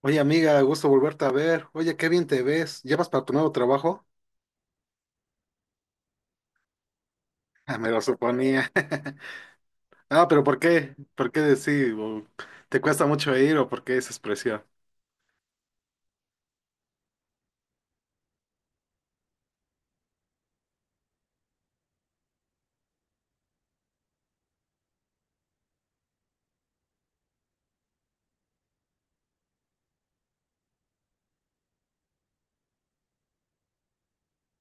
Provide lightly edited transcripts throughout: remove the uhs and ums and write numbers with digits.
Oye, amiga, gusto volverte a ver. Oye, qué bien te ves. ¿Llevas para tu nuevo trabajo? Ah, me lo suponía. Ah, pero ¿por qué? ¿Por qué decir? ¿O ¿te cuesta mucho ir o por qué esa expresión?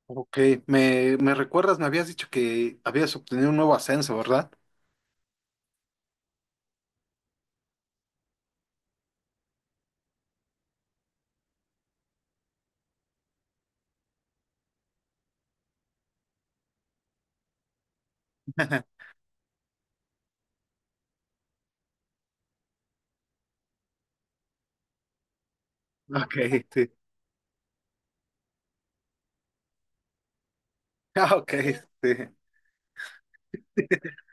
Ok, me recuerdas, me habías dicho que habías obtenido un nuevo ascenso, ¿verdad? Ok, sí. Ah, ok, sí.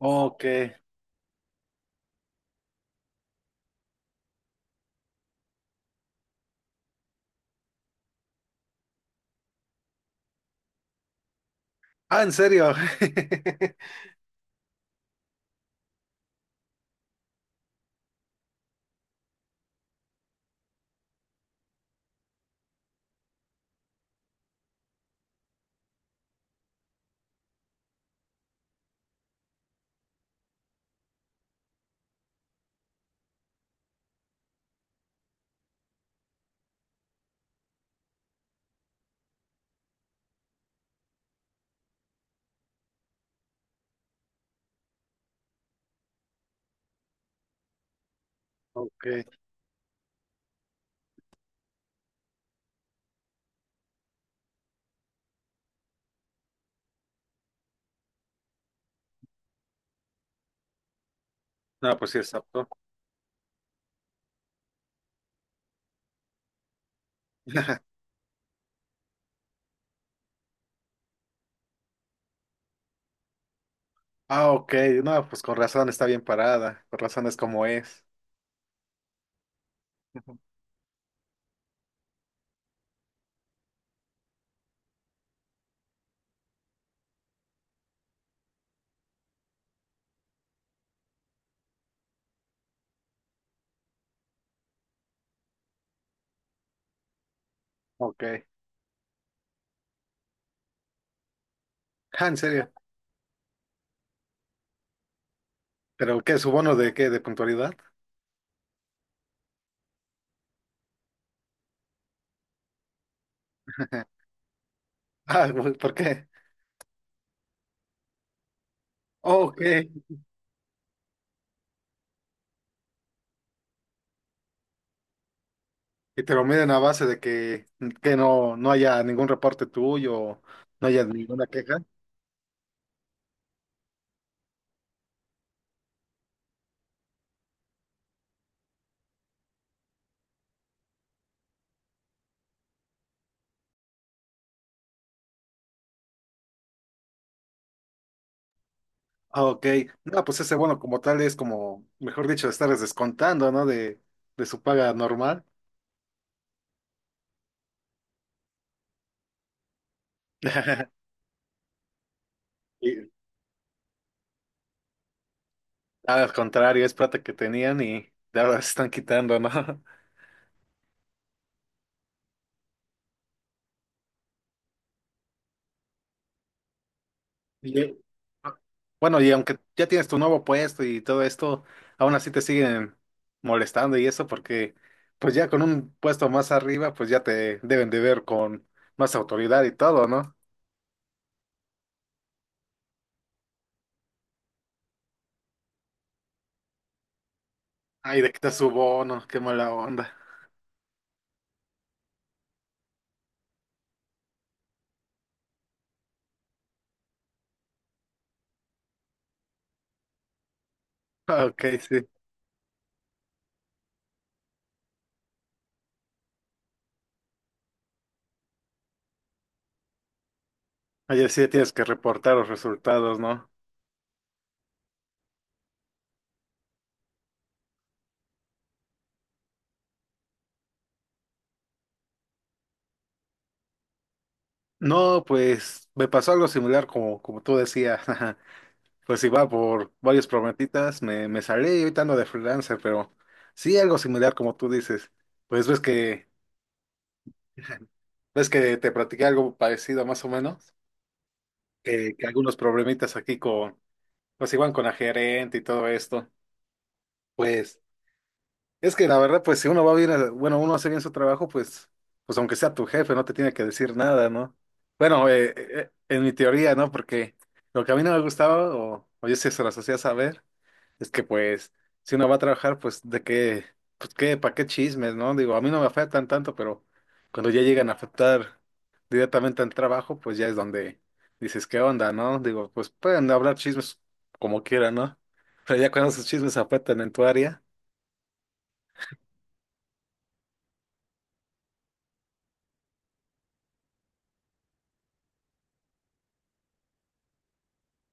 Ok. Ah, ¿en serio? Ok. No, pues sí, es apto. Ah, ok. No, pues con razón está bien parada. Con razón es como es. Ok. Ah, ¿en serio? ¿Pero qué? ¿Su bono de qué? ¿De puntualidad? Ah, güey, ¿por qué? Oh, ok. Y te lo miden a base de que no haya ningún reporte tuyo, no haya ninguna queja. Ah, ok. No, pues ese bono como tal es como, mejor dicho, estarles descontando, ¿no? De su paga normal. Y al contrario, es plata que tenían y ahora se están quitando, ¿no? Y, bueno, y aunque ya tienes tu nuevo puesto y todo esto, aún así te siguen molestando, y eso porque pues ya con un puesto más arriba pues ya te deben de ver con más autoridad y todo, ¿no? Ay, de quitar su bono, qué mala onda. Ah, ok, sí. Ayer sí tienes que reportar los resultados, ¿no? No, pues me pasó algo similar como, como tú decías. Pues iba por varios prometitas, me salí y ahorita ando de freelancer, pero sí algo similar como tú dices. Pues ves que, ves que te platiqué algo parecido más o menos, que algunos problemitas aquí con, pues igual con la gerente y todo esto. Pues es que la verdad, pues si uno va bien, bueno, uno hace bien su trabajo, pues, pues aunque sea tu jefe, no te tiene que decir nada, ¿no? Bueno, en mi teoría, ¿no? Porque lo que a mí no me gustaba, o yo sí se las hacía saber. Es que pues, si uno va a trabajar, pues de qué, pues qué, para qué chismes, ¿no? Digo, a mí no me afectan tanto, pero cuando ya llegan a afectar directamente al trabajo, pues ya es donde dices, ¿qué onda, no? Digo, pues pueden hablar chismes como quieran, ¿no? Pero ya cuando esos chismes afectan en tu área,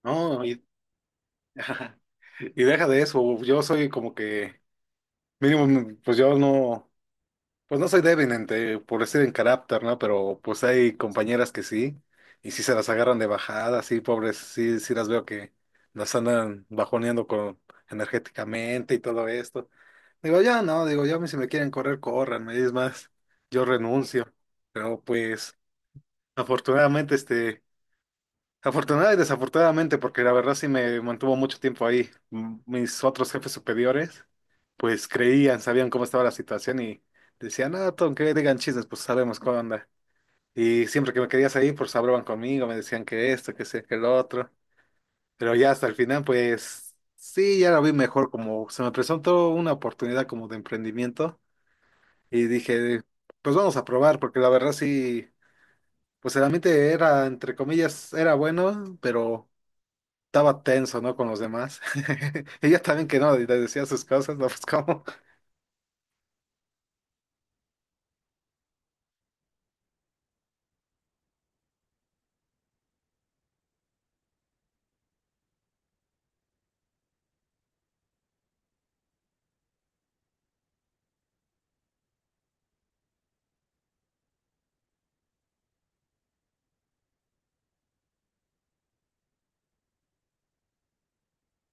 no, y, y deja de eso, yo soy como que, mínimo, pues yo no. Pues no soy débil por decir en carácter, ¿no? Pero pues hay compañeras que sí, y sí se las agarran de bajada, sí, pobres, sí, sí las veo que las andan bajoneando con energéticamente y todo esto. Digo, ya no, digo, ya a si me quieren correr, corran, es más, yo renuncio. Pero pues, afortunadamente, afortunada y desafortunadamente, porque la verdad sí me mantuvo mucho tiempo ahí. Mis otros jefes superiores, pues creían, sabían cómo estaba la situación y decían, ah, Tom, que digan chismes, pues sabemos cómo anda. Y siempre que me querías ahí, pues hablaban conmigo, me decían que esto, que sé, que lo otro. Pero ya hasta el final, pues sí, ya lo vi mejor, como se me presentó una oportunidad como de emprendimiento y dije, pues vamos a probar, porque la verdad sí, pues el ambiente era, entre comillas, era bueno, pero estaba tenso, ¿no? Con los demás. Ella también que no, le decía sus cosas, no, pues cómo.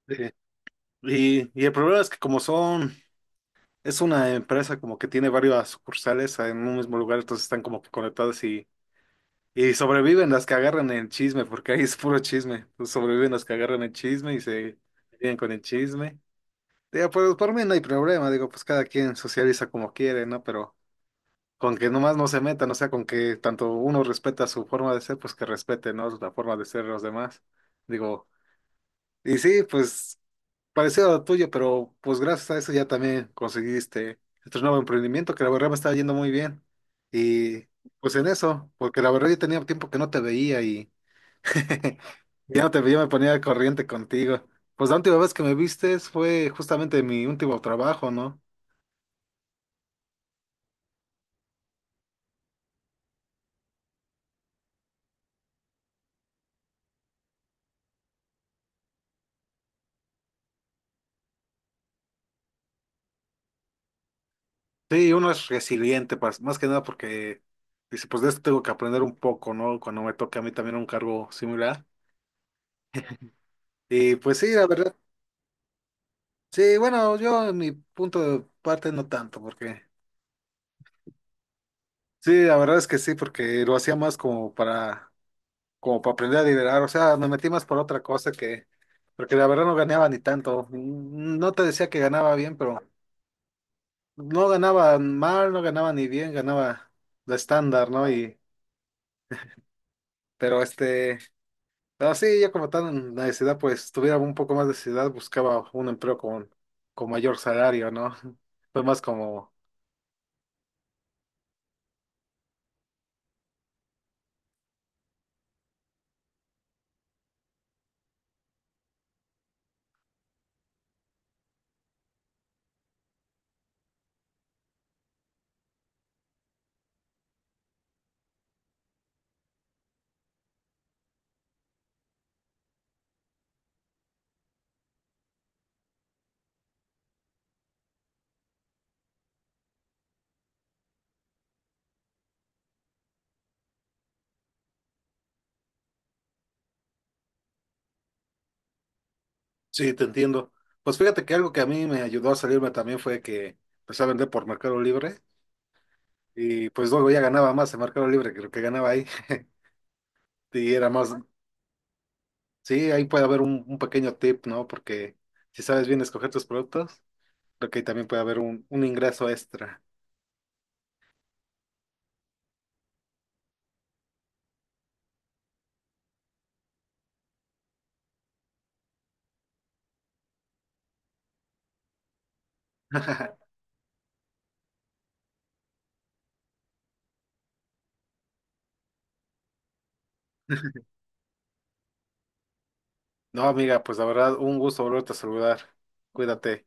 Eh, y el problema es que como son, es una empresa como que tiene varias sucursales en un mismo lugar, entonces están como que conectadas y sobreviven las que agarran el chisme, porque ahí es puro chisme. Pues sobreviven las que agarran el chisme y se vienen con el chisme. Digo, pues por mí no hay problema, digo, pues cada quien socializa como quiere, ¿no? Pero con que nomás no se metan, o sea, con que tanto uno respeta su forma de ser, pues que respete, ¿no? La forma de ser de los demás. Digo, y sí, pues parecido a lo tuyo, pero pues gracias a eso ya también conseguiste este nuevo emprendimiento que la verdad me está yendo muy bien. Y pues en eso, porque la verdad yo tenía tiempo que no te veía y ya no te veía, me ponía al corriente contigo. Pues la última vez que me vistes fue justamente en mi último trabajo, ¿no? Sí, uno es resiliente, más que nada porque dice, pues de esto tengo que aprender un poco, ¿no? Cuando me toque a mí también un cargo similar. Y pues sí, la verdad, sí, bueno, yo en mi punto de parte no tanto, porque sí, la verdad es que sí, porque lo hacía más como para, como para aprender a liderar, o sea, me metí más por otra cosa que, porque la verdad no ganaba ni tanto, mm, no te decía que ganaba bien, pero no ganaba mal, no ganaba ni bien, ganaba lo estándar, ¿no? Y, pero este... pero sí, yo como tal en la necesidad, pues tuviera un poco más de necesidad, buscaba un empleo con mayor salario, ¿no? Fue más como, sí, te entiendo. Pues fíjate que algo que a mí me ayudó a salirme también fue que empecé a vender por Mercado Libre, y pues luego ya ganaba más en Mercado Libre que lo que ganaba ahí. Y era más, sí, ahí puede haber un pequeño tip, ¿no? Porque si sabes bien escoger tus productos, creo que ahí también puede haber un ingreso extra. No, amiga, pues la verdad, un gusto volverte a saludar. Cuídate.